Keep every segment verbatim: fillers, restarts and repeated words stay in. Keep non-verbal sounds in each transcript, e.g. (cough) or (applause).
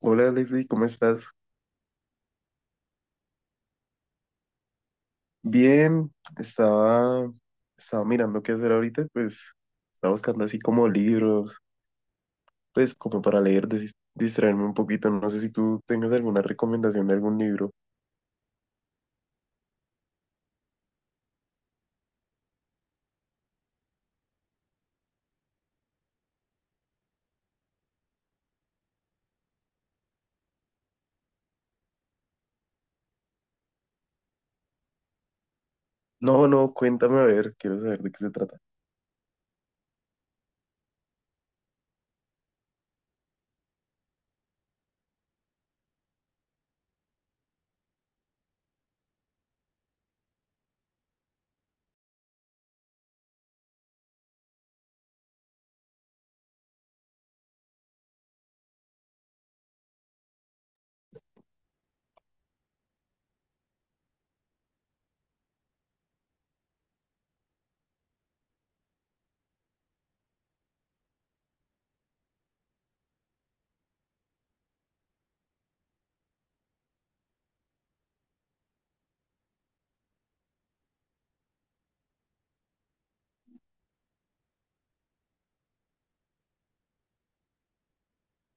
Hola Leslie, ¿cómo estás? Bien, estaba, estaba mirando qué hacer ahorita. Pues estaba buscando así como libros, pues como para leer, desis- distraerme un poquito. No sé si tú tengas alguna recomendación de algún libro. No, no, cuéntame a ver, quiero saber de qué se trata.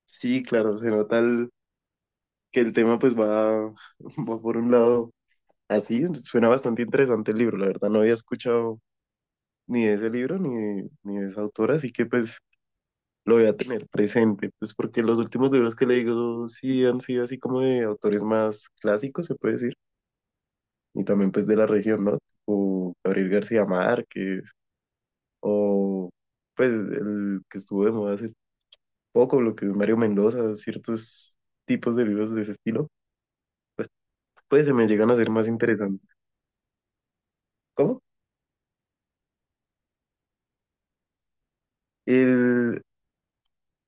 Sí, claro, se nota el- que el tema pues va, (laughs) va por un lado así. Suena bastante interesante el libro, la verdad no había escuchado ni de ese libro ni, ni de esa autora, así que pues lo voy a tener presente. Pues porque los últimos libros que he leído sí han sido así como de autores más clásicos, se puede decir, y también pues de la región, ¿no? O Gabriel García Márquez, o pues el que estuvo de moda hace poco, lo que es Mario Mendoza, ciertos tipos de libros de ese estilo, pues, pues se me llegan a ser más interesantes. ¿Cómo? El,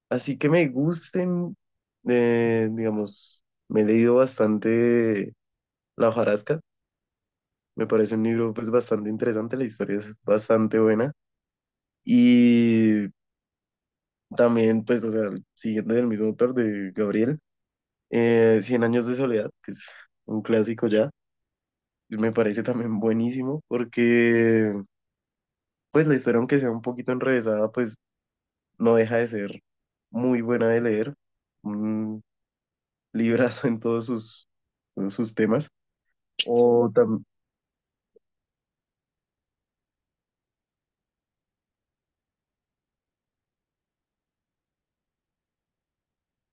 así que me gusten, eh, digamos, me he leído bastante La hojarasca. Me parece un libro pues bastante interesante, la historia es bastante buena. Y también pues, o sea, siguiendo del mismo autor de Gabriel, eh, Cien años de soledad, que es un clásico ya, me parece también buenísimo, porque pues la historia aunque sea un poquito enrevesada pues no deja de ser muy buena de leer, un librazo en todos sus, todos sus temas. O tam-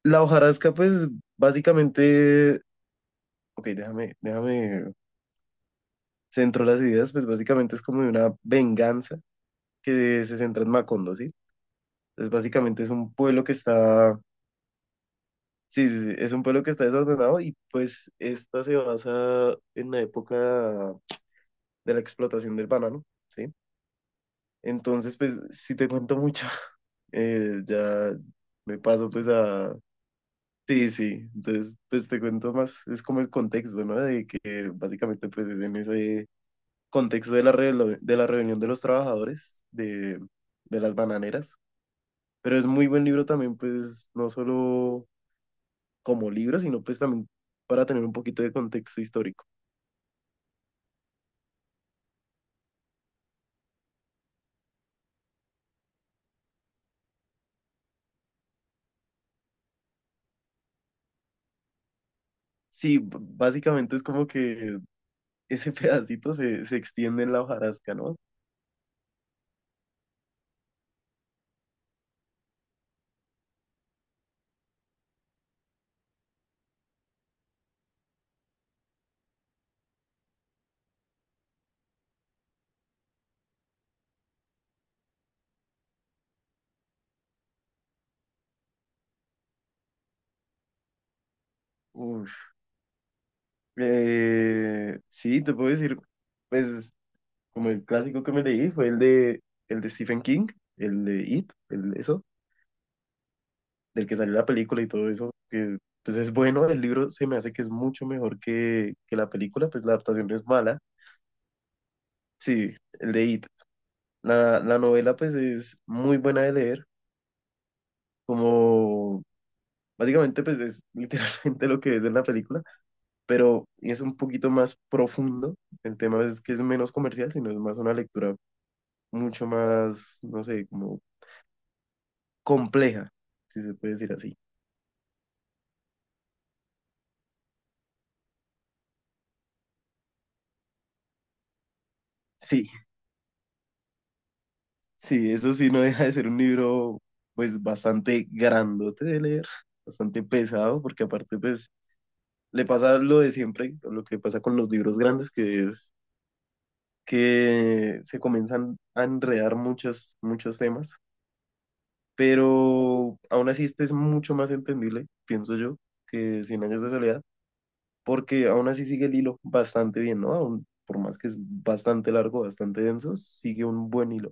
la hojarasca pues básicamente, ok, déjame, déjame centro las ideas. Pues básicamente es como de una venganza que se centra en Macondo, ¿sí? Entonces básicamente es un pueblo que está, sí, sí, sí, es un pueblo que está desordenado, y pues esta se basa en la época de la explotación del banano, ¿sí? Entonces, pues si te cuento mucho, (laughs) eh, ya me paso pues a... Sí, sí, entonces pues te cuento más, es como el contexto, ¿no? De que básicamente pues es en ese contexto de la, relo- de la reunión de los trabajadores de, de las bananeras. Pero es muy buen libro también, pues no solo como libro, sino pues también para tener un poquito de contexto histórico. Sí, b- básicamente es como que ese (laughs) pedacito se, se extiende en la hojarasca, ¿no? Uf. Eh, sí, te puedo decir, pues como el clásico que me leí fue el de, el de Stephen King, el de It, el, eso, del que salió la película y todo eso. Que pues es bueno, el libro se me hace que es mucho mejor que, que la película, pues la adaptación no es mala, sí, el de It. La, la novela pues es muy buena de leer, como básicamente pues es (laughs) literalmente lo que es en la película, pero es un poquito más profundo. El tema es que es menos comercial, sino es más una lectura mucho más, no sé, como compleja, si se puede decir así. Sí, sí, eso sí no deja de ser un libro pues bastante grandote de leer, bastante pesado, porque aparte pues le pasa lo de siempre, lo que pasa con los libros grandes, que es que se comienzan a enredar muchos, muchos temas, pero aún así este es mucho más entendible, pienso yo, que Cien años de soledad, porque aún así sigue el hilo bastante bien, ¿no? Aún, por más que es bastante largo, bastante denso, sigue un buen hilo.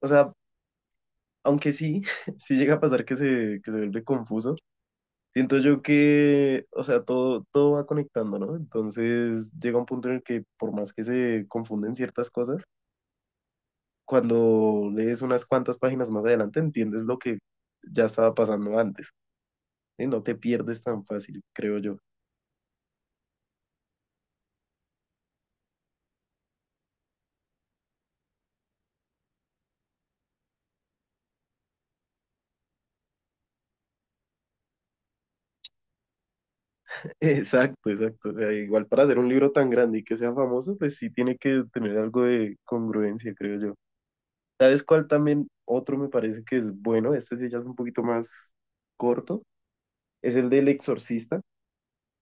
O sea, aunque sí, (laughs) sí llega a pasar que se, que se vuelve confuso. Siento yo que, o sea, todo, todo va conectando, ¿no? Entonces llega un punto en el que por más que se confunden ciertas cosas, cuando lees unas cuantas páginas más adelante entiendes lo que ya estaba pasando antes. Y no te pierdes tan fácil, creo yo. (laughs) Exacto, exacto. O sea, igual para hacer un libro tan grande y que sea famoso, pues sí tiene que tener algo de congruencia, creo yo. ¿Sabes cuál también otro me parece que es bueno? Este sí ya es un poquito más corto. Es el del Exorcista.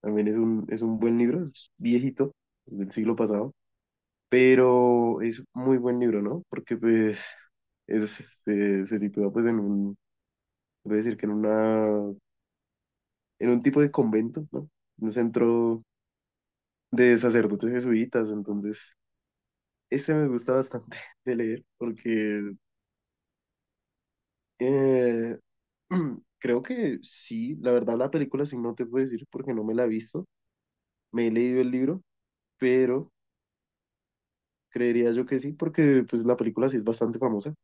También es un, es un buen libro, es viejito, es del siglo pasado. Pero es muy buen libro, ¿no? Porque pues es, este, se sitúa pues en un, voy a decir que en una, en un tipo de convento, ¿no? Un centro de sacerdotes jesuitas. Entonces, este me gusta bastante (laughs) de leer porque... Eh, (clears throat) creo que sí. La verdad la película sí no te puedo decir porque no me la he visto, me he leído el libro, pero creería yo que sí porque pues la película sí es bastante famosa,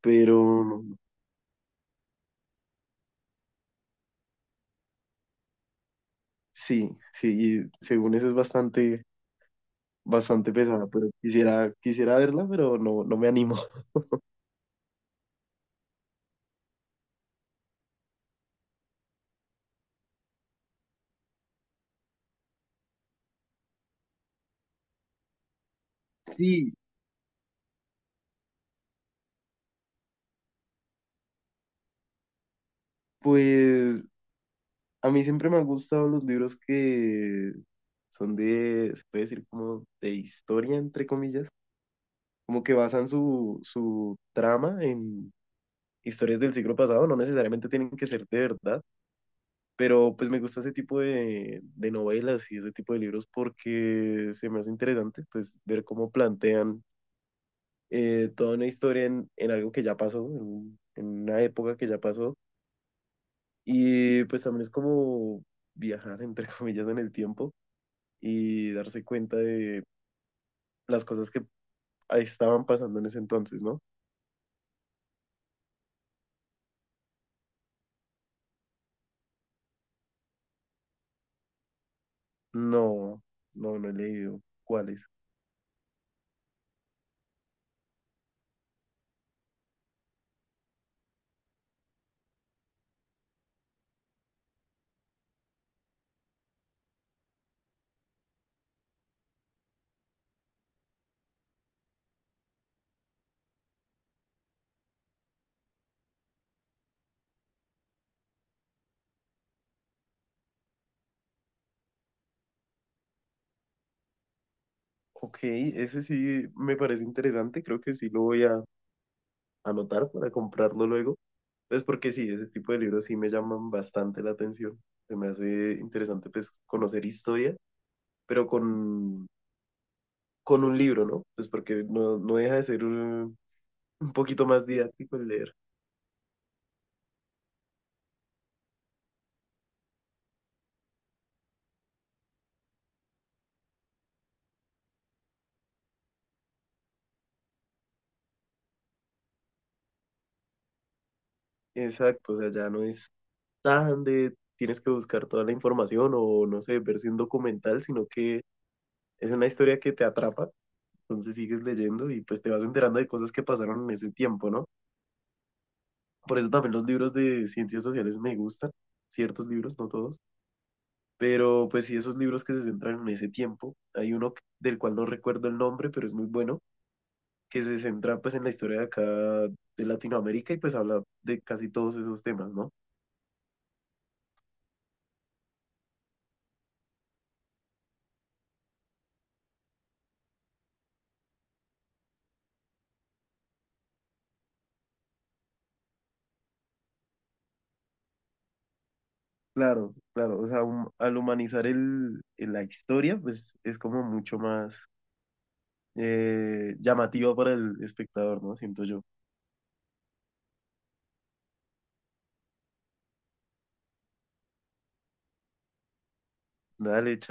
pero sí, sí, y según eso es bastante, bastante pesada, pero quisiera, quisiera verla, pero no, no me animo. (laughs) Sí, pues a mí siempre me han gustado los libros que son de, se puede decir como de historia, entre comillas, como que basan su, su trama en historias del siglo pasado, no necesariamente tienen que ser de verdad, pero pues me gusta ese tipo de, de novelas y ese tipo de libros porque se me hace interesante pues ver cómo plantean eh, toda una historia en, en algo que ya pasó, en, un- en una época que ya pasó, y pues también es como viajar entre (laughs) comillas en el tiempo y darse cuenta de las cosas que ahí estaban pasando en ese entonces, ¿no? No, no, no he leído. ¿Cuáles? Ok, ese sí me parece interesante, creo que sí lo voy a anotar para comprarlo luego. Pues porque sí, ese tipo de libros sí me llaman bastante la atención. Se me hace interesante pues conocer historia, pero con, con un libro, ¿no? Pues porque no, no deja de ser un, (laughs) un poquito más didáctico el leer. Exacto, o sea, ya no es tan de tienes que buscar toda la información o no sé, verse un documental, sino que es una historia que te atrapa. Entonces sigues leyendo y pues te vas enterando de cosas que pasaron en ese tiempo, ¿no? Por eso también los libros de ciencias sociales me gustan, ciertos libros, no todos, pero pues sí, esos libros que se centran en ese tiempo. Hay uno que- del cual no recuerdo el nombre, pero es muy bueno, que se centra pues en la historia de acá de Latinoamérica, y pues habla de casi todos esos temas, ¿no? Claro, claro, o sea, hum- al humanizar el, el- la historia, pues es como mucho más eh, llamativo para el espectador, ¿no? Siento yo. Dale, chao.